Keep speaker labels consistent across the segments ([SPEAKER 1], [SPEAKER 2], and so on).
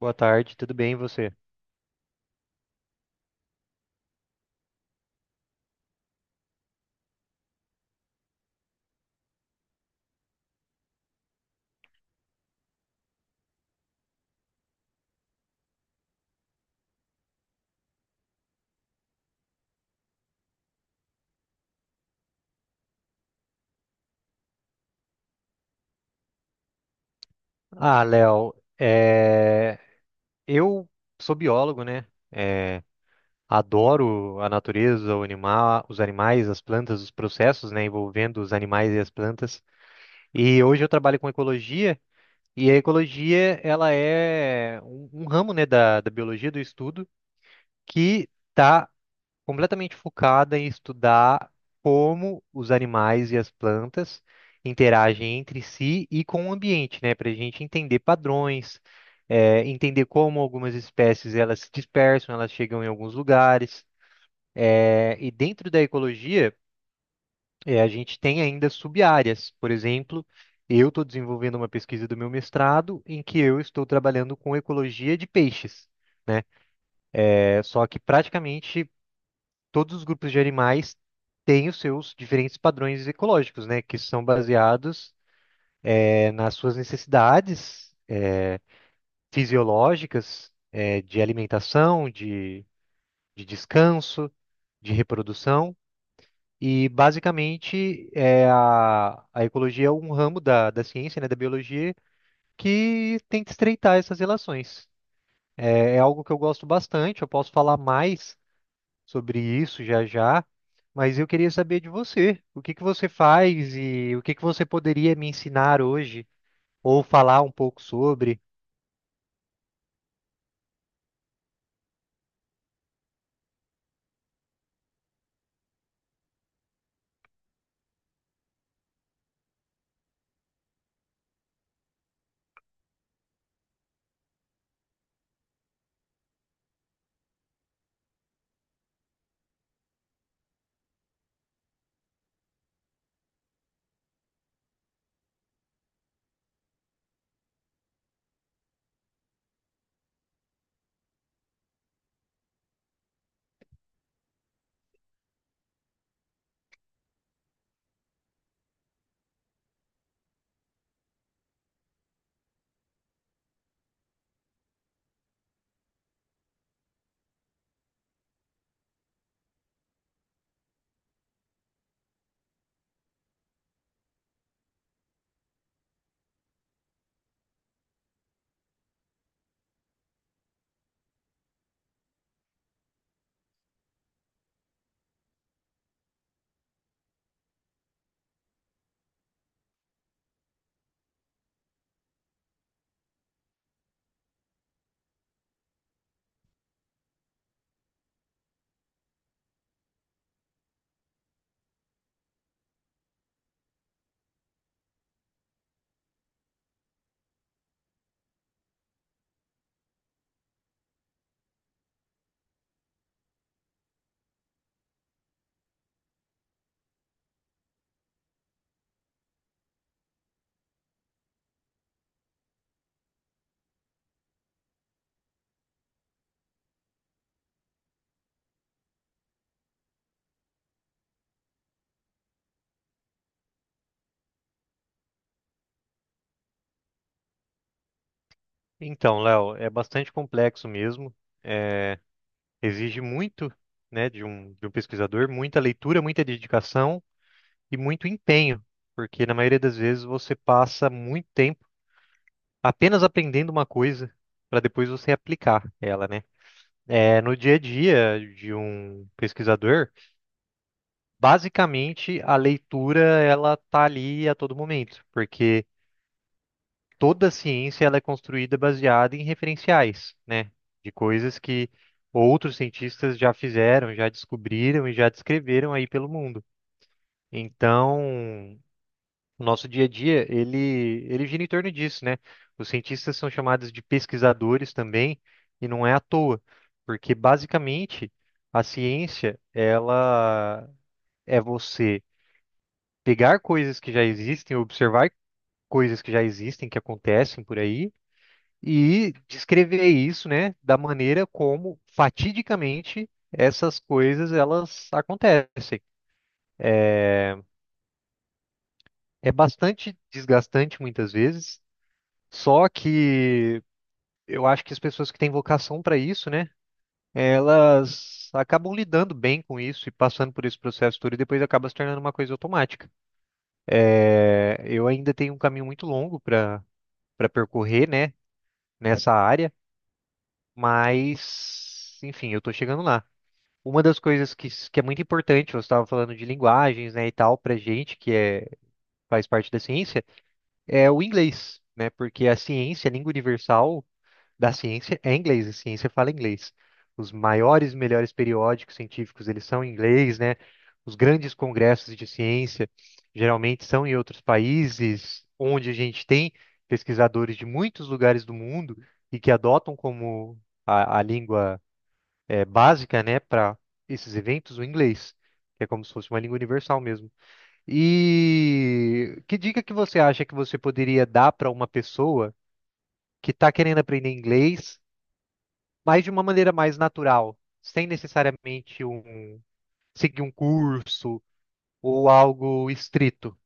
[SPEAKER 1] Boa tarde, tudo bem e você? Ah, Léo, é, eu sou biólogo, né? É, Adoro a natureza, o animal, os animais, as plantas, os processos, né, envolvendo os animais e as plantas. E hoje eu trabalho com ecologia, e a ecologia, ela é um ramo, né, da biologia do estudo que está completamente focada em estudar como os animais e as plantas interagem entre si e com o ambiente, né? Para a gente entender padrões, entender como algumas espécies elas se dispersam, elas chegam em alguns lugares. E dentro da ecologia, a gente tem ainda sub-áreas. Por exemplo, eu estou desenvolvendo uma pesquisa do meu mestrado em que eu estou trabalhando com ecologia de peixes, né? É, só que praticamente todos os grupos de animais têm os seus diferentes padrões ecológicos, né, que são baseados nas suas necessidades fisiológicas, de alimentação, de descanso, de reprodução. E basicamente é a ecologia, é um ramo da ciência, né, da biologia, que tenta estreitar essas relações. É, é algo que eu gosto bastante, eu posso falar mais sobre isso já já, mas eu queria saber de você. O que que você faz e o que que você poderia me ensinar hoje ou falar um pouco sobre? Então, Léo, é bastante complexo mesmo. é, Exige muito, né, de de um pesquisador, muita leitura, muita dedicação e muito empenho, porque na maioria das vezes você passa muito tempo apenas aprendendo uma coisa para depois você aplicar ela, né? É, no dia a dia de um pesquisador, basicamente, a leitura ela tá ali a todo momento, porque toda ciência ela é construída baseada em referenciais, né? De coisas que outros cientistas já fizeram, já descobriram e já descreveram aí pelo mundo. Então, o nosso dia a dia, ele gira em torno disso, né? Os cientistas são chamados de pesquisadores também, e não é à toa, porque basicamente a ciência ela é você pegar coisas que já existem, observar coisas que já existem, que acontecem por aí, e descrever isso, né, da maneira como fatidicamente essas coisas elas acontecem. É bastante desgastante muitas vezes, só que eu acho que as pessoas que têm vocação para isso, né, elas acabam lidando bem com isso e passando por esse processo todo e depois acaba se tornando uma coisa automática. É, eu ainda tenho um caminho muito longo para percorrer, né, nessa área. Mas, enfim, eu tô chegando lá. Uma das coisas que é muito importante, você estava falando de linguagens, né, e tal, pra gente que é, faz parte da ciência, é o inglês, né? Porque a ciência, a língua universal da ciência é inglês, a ciência fala inglês. Os maiores, melhores periódicos científicos, eles são em inglês, né? Os grandes congressos de ciência geralmente são em outros países, onde a gente tem pesquisadores de muitos lugares do mundo e que adotam como a língua é, básica, né, para esses eventos, o inglês, que é como se fosse uma língua universal mesmo. E que dica que você acha que você poderia dar para uma pessoa que está querendo aprender inglês, mas de uma maneira mais natural, sem necessariamente um, seguir um curso ou algo estrito?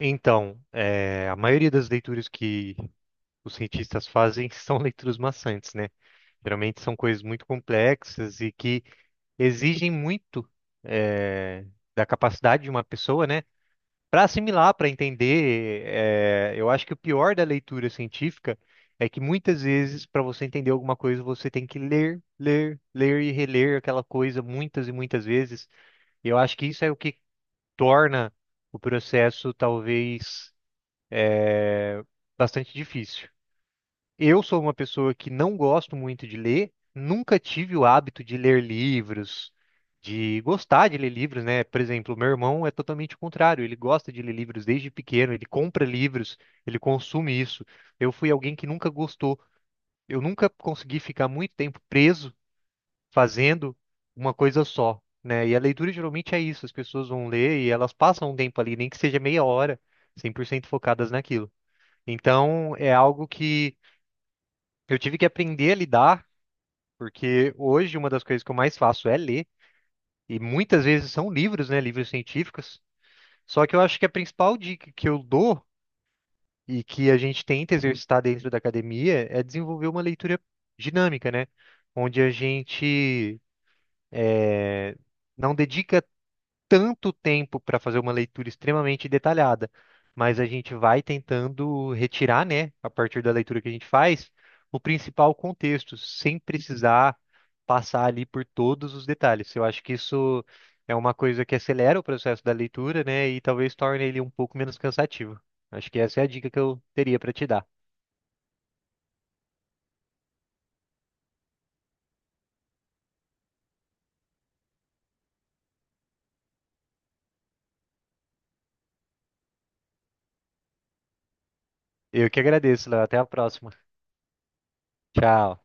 [SPEAKER 1] Então, é, a maioria das leituras que os cientistas fazem são leituras maçantes, né? Geralmente são coisas muito complexas e que exigem muito eh, da capacidade de uma pessoa, né? Para assimilar, para entender, eu acho que o pior da leitura científica é que muitas vezes, para você entender alguma coisa, você tem que ler, ler, ler e reler aquela coisa muitas e muitas vezes. E eu acho que isso é o que torna o processo talvez bastante difícil. Eu sou uma pessoa que não gosto muito de ler, nunca tive o hábito de ler livros, de gostar de ler livros, né? Por exemplo, meu irmão é totalmente o contrário, ele gosta de ler livros desde pequeno, ele compra livros, ele consome isso. Eu fui alguém que nunca gostou, eu nunca consegui ficar muito tempo preso fazendo uma coisa só, né? E a leitura geralmente é isso, as pessoas vão ler e elas passam um tempo ali, nem que seja meia hora, 100% focadas naquilo. Então, é algo que eu tive que aprender a lidar, porque hoje uma das coisas que eu mais faço é ler, e muitas vezes são livros, né, livros científicos. Só que eu acho que a principal dica que eu dou e que a gente tenta exercitar dentro da academia é desenvolver uma leitura dinâmica, né, onde a gente eh, não dedica tanto tempo para fazer uma leitura extremamente detalhada, mas a gente vai tentando retirar, né, a partir da leitura que a gente faz, o principal contexto, sem precisar passar ali por todos os detalhes. Eu acho que isso é uma coisa que acelera o processo da leitura, né, e talvez torne ele um pouco menos cansativo. Acho que essa é a dica que eu teria para te dar. Eu que agradeço, Léo. Até a próxima. Tchau.